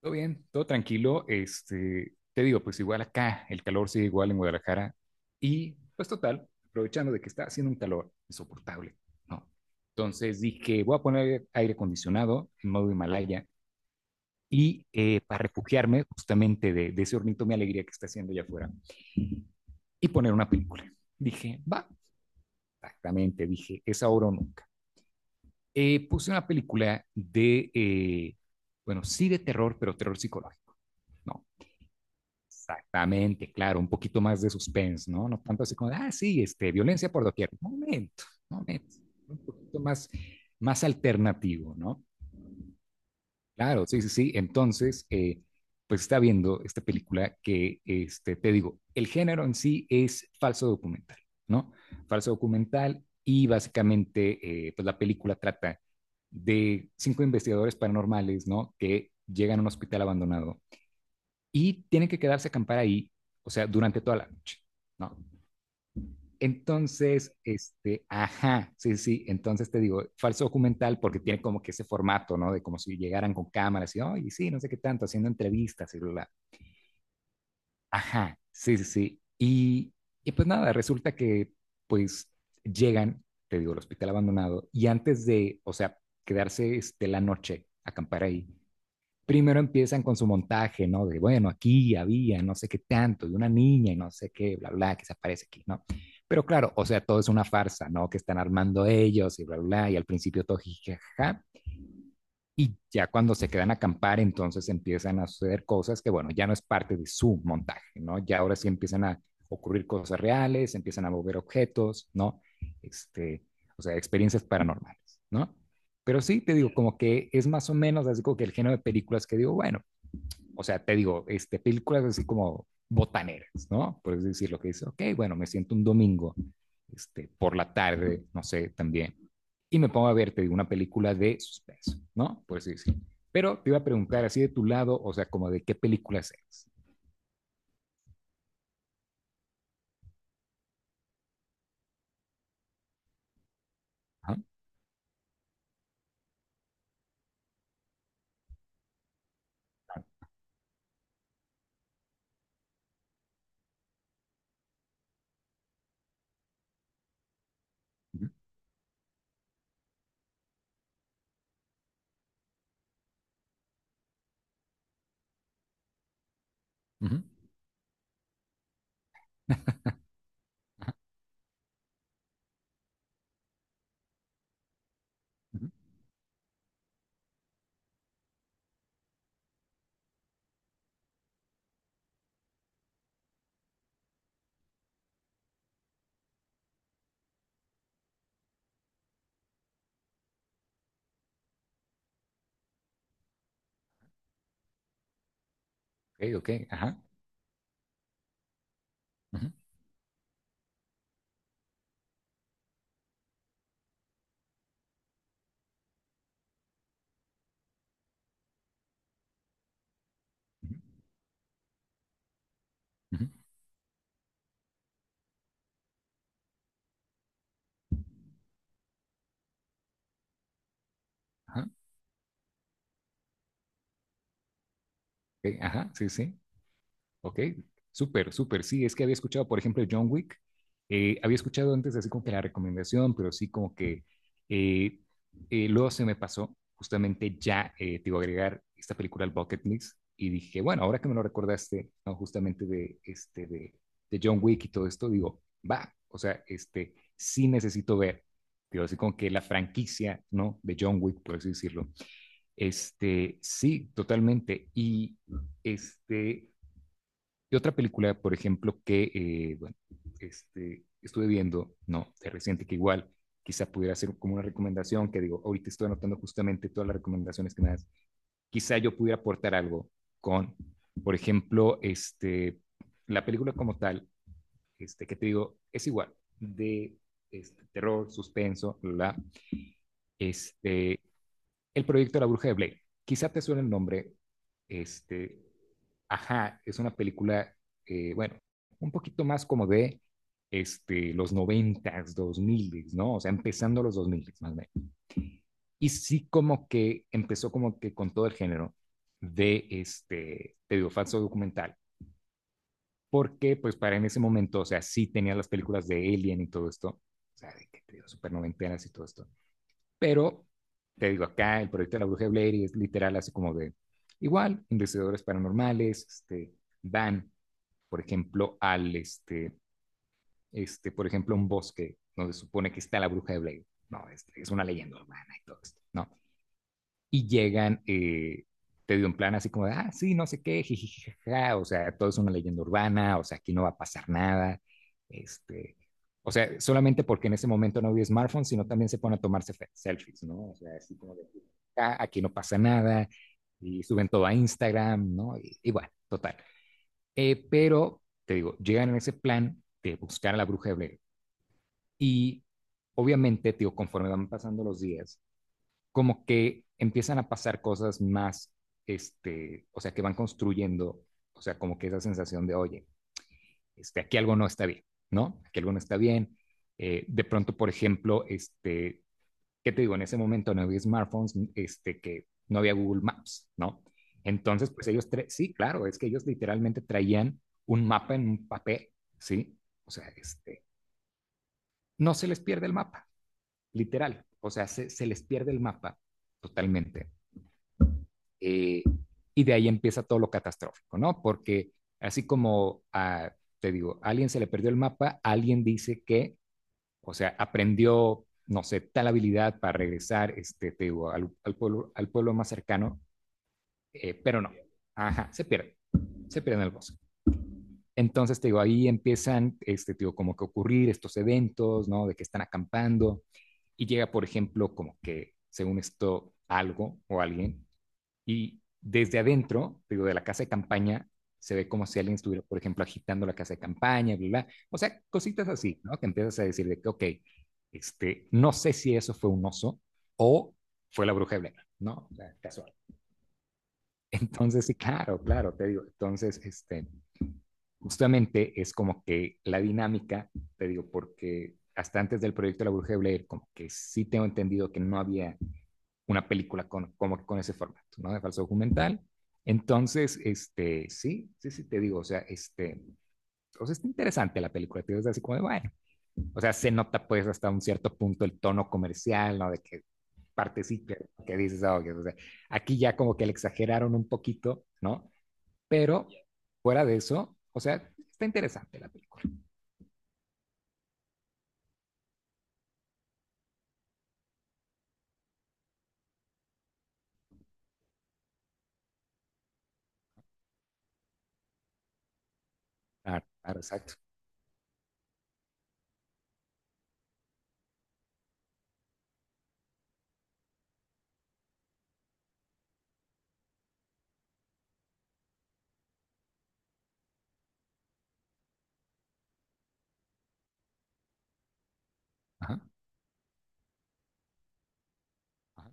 Todo bien, todo tranquilo. Te digo, pues igual acá, el calor sigue igual en Guadalajara. Y pues total, aprovechando de que está haciendo un calor insoportable, ¿no? Entonces dije, voy a poner aire acondicionado en modo Himalaya y para refugiarme justamente de ese hornito, mi alegría que está haciendo allá afuera y poner una película. Dije, va, exactamente, dije, es ahora o nunca. Puse una película de, bueno, sí de terror, pero terror psicológico. No, exactamente, claro, un poquito más de suspense, ¿no? No tanto así como, de, ah, sí, violencia por doquier. Un momento, un poquito más, más alternativo, ¿no? Claro, sí, sí, sí. Entonces, pues está viendo esta película que, te digo, el género en sí es falso documental, ¿no? Falso documental y básicamente, pues la película trata de 5 investigadores paranormales, ¿no? Que llegan a un hospital abandonado y tienen que quedarse a acampar ahí, o sea, durante toda la noche, ¿no? Entonces, ajá, sí, sí, entonces te digo, falso documental porque tiene como que ese formato, ¿no? De como si llegaran con cámaras y, oye, sí, no sé qué tanto, haciendo entrevistas y bla, bla. Ajá, sí, sí, sí. Y pues nada, resulta que pues llegan, te digo, al hospital abandonado y antes de, o sea, quedarse la noche, acampar ahí, primero empiezan con su montaje, ¿no? De, bueno, aquí había no sé qué tanto, de una niña y no sé qué, bla, bla, que se aparece aquí, ¿no? Pero claro, o sea, todo es una farsa, ¿no? Que están armando ellos y bla, bla, y al principio todo jijaja. Y ya cuando se quedan a acampar, entonces empiezan a suceder cosas que, bueno, ya no es parte de su montaje, ¿no? Ya ahora sí empiezan a ocurrir cosas reales, empiezan a mover objetos, ¿no? Este, o sea, experiencias paranormales, ¿no? Pero sí, te digo, como que es más o menos así como que el género de películas que digo, bueno, o sea, te digo, películas así como botaneras, ¿no? Por decir lo que dice, ok, bueno, me siento un domingo, por la tarde, no sé, también, y me pongo a ver, te digo, una película de suspenso, ¿no? Por así decirlo. Pero te iba a preguntar, así de tu lado, o sea, como de qué películas eres. Ajá, ujú, ujú, ujú, ok, ok, ajá, ujú, ujú, ujú, ajá, ok, ajá, sí, sí. Ok, súper, súper. Sí, es que había escuchado, por ejemplo, John Wick. Había escuchado antes así como que la recomendación, pero sí como que eh, luego se me pasó justamente ya, te iba agregar esta película al bucket list y dije, bueno, ahora que me lo recordaste, no, justamente de, de John Wick y todo esto, digo, va, o sea, sí necesito ver, digo, así como que la franquicia, ¿no? De John Wick, por así decirlo. Sí, totalmente. Y este... Y otra película, por ejemplo, que bueno, estuve viendo, no, de reciente, que igual quizá pudiera ser como una recomendación, que digo, ahorita estoy anotando justamente todas las recomendaciones que me das, quizá yo pudiera aportar algo con, por ejemplo, la película como tal, que te digo, es igual, de terror, suspenso, este, el proyecto La Bruja de Blake. Quizá te suene el nombre, este, ajá, es una película, bueno, un poquito más como de los noventas, dos miles, ¿no? O sea, empezando los dos miles, más o menos. Y sí como que empezó como que con todo el género de te digo, falso documental. Porque, pues, para en ese momento, o sea, sí tenía las películas de Alien y todo esto, o sea, de que te digo, super noventenas y todo esto. Pero, te digo, acá el proyecto de la bruja de Blair es literal así como de, igual, investigadores paranormales, van por ejemplo, por ejemplo, un bosque donde se supone que está la bruja de Blair. No, es una leyenda urbana y todo esto, ¿no? Y llegan, te dio un plan así como, de, ah, sí, no sé qué, jijijaja, o sea, todo es una leyenda urbana, o sea, aquí no va a pasar nada, este, o sea, solamente porque en ese momento no había smartphones, sino también se ponen a tomarse selfies, ¿no? O sea, así como de, ah, aquí no pasa nada, y suben todo a Instagram, ¿no? Y bueno, total. Pero, te digo, llegan en ese plan de buscar a la bruja de Blair. Y obviamente, te digo, conforme van pasando los días, como que empiezan a pasar cosas más, o sea, que van construyendo, o sea, como que esa sensación de, oye, aquí algo no está bien, ¿no? Aquí algo no está bien. De pronto, por ejemplo, que te digo, en ese momento no había smartphones, que no había Google Maps, ¿no? Entonces, pues ellos, sí, claro, es que ellos literalmente traían un mapa en un papel, ¿sí? O sea, no se les pierde el mapa, literal, o sea, se les pierde el mapa totalmente. Eh, y de ahí empieza todo lo catastrófico, ¿no? Porque así como, a, te digo, a alguien se le perdió el mapa, alguien dice que o sea, aprendió, no sé, tal habilidad para regresar te digo, al pueblo, al pueblo más cercano, pero no. Ajá, se pierde en el bosque. Entonces, te digo, ahí empiezan, te digo, como que ocurrir estos eventos, ¿no? De que están acampando y llega, por ejemplo, como que, según esto, algo o alguien y desde adentro, digo, de la casa de campaña, se ve como si alguien estuviera, por ejemplo, agitando la casa de campaña, bla, bla. Bla. O sea, cositas así, ¿no? Que empiezas a decir de que, ok, no sé si eso fue un oso o fue la bruja de Blair, ¿no? O sea, casual. Entonces, sí, claro, claro, te digo. Entonces, justamente es como que la dinámica, te digo, porque hasta antes del proyecto de La Bruja de Blair, como que sí tengo entendido que no había una película con, como con ese formato, ¿no? De falso documental. Entonces, sí, sí, sí, te digo, o sea, está interesante la película, te digo, es así como de, bueno, o sea, se nota pues hasta un cierto punto el tono comercial, ¿no? De que parte sí que dices, ah, okay, o sea, aquí ya como que le exageraron un poquito, ¿no? Pero fuera de eso, o sea, está interesante la película. Claro, claro, exacto. Ajá, ajá.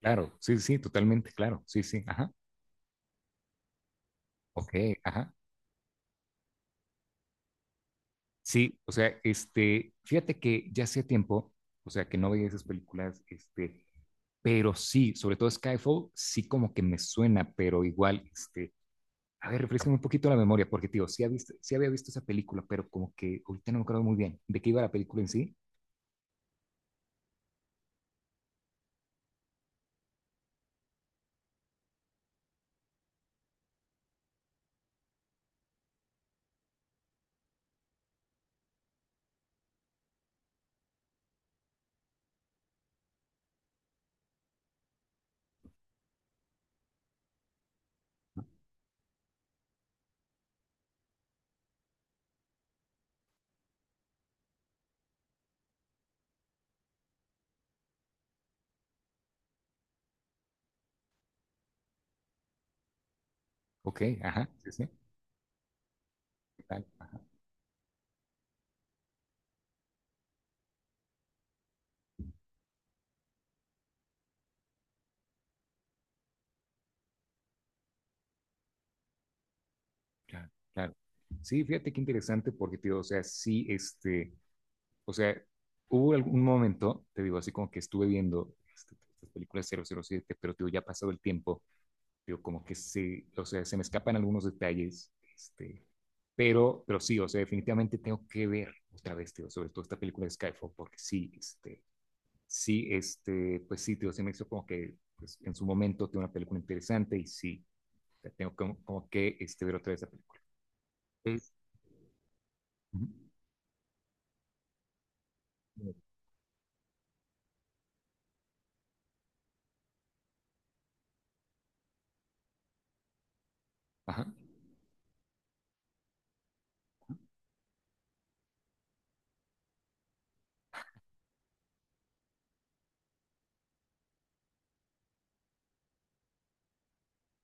Claro, sí, sí, totalmente, claro, sí, sí, ajá. Ok, ajá. Sí, o sea, fíjate que ya hacía tiempo, o sea, que no veía esas películas, pero sí, sobre todo Skyfall, sí como que me suena, pero igual, a ver, refrescame un poquito la memoria, porque, tío, sí había visto esa película, pero como que ahorita no me acuerdo muy bien de qué iba la película en sí. Ok, ajá, sí, sí, tal, ajá, claro, claro. Sí, fíjate qué interesante, porque, tío, o sea, sí, o sea, hubo algún momento, te digo, así como que estuve viendo estas películas 007, pero, tío, ya ha pasado el tiempo. Yo como que sí, o sea, se me escapan algunos detalles, pero sí, o sea, definitivamente tengo que ver otra vez, tío, sobre todo esta película de Skyfall, porque sí, pues sí, tío, se me hizo como que pues, en su momento tiene una película interesante y sí, o sea, tengo como, como que ver otra vez la película. Es- ujú. Ajá,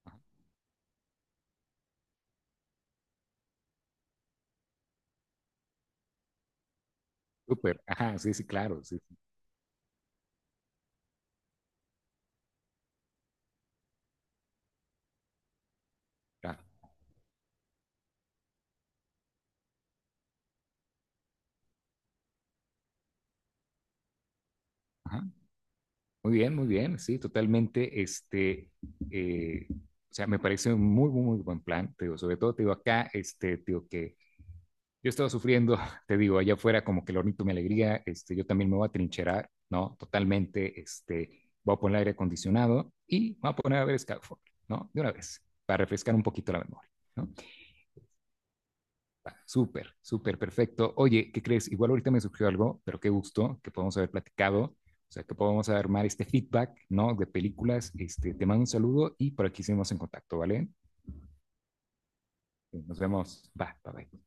ajá, súper, ajá, sí, sí, claro, sí, sí, claro, ajá, muy bien, muy bien, sí, totalmente. O sea, me parece un muy, muy, muy buen plan, te digo, sobre todo, te digo, acá, te digo que yo estaba sufriendo, te digo, allá afuera como que el hornito mi alegría, yo también me voy a trincherar, ¿no? Totalmente, voy a poner aire acondicionado y me voy a poner a ver Skyfall, ¿no? De una vez, para refrescar un poquito la memoria, ¿no? Ah, súper, súper, perfecto. Oye, ¿qué crees? Igual ahorita me surgió algo, pero qué gusto que podamos haber platicado, o sea, que podamos armar este feedback, ¿no? De películas. Te mando un saludo y por aquí seguimos en contacto, ¿vale? Nos vemos. Va, bye, bye.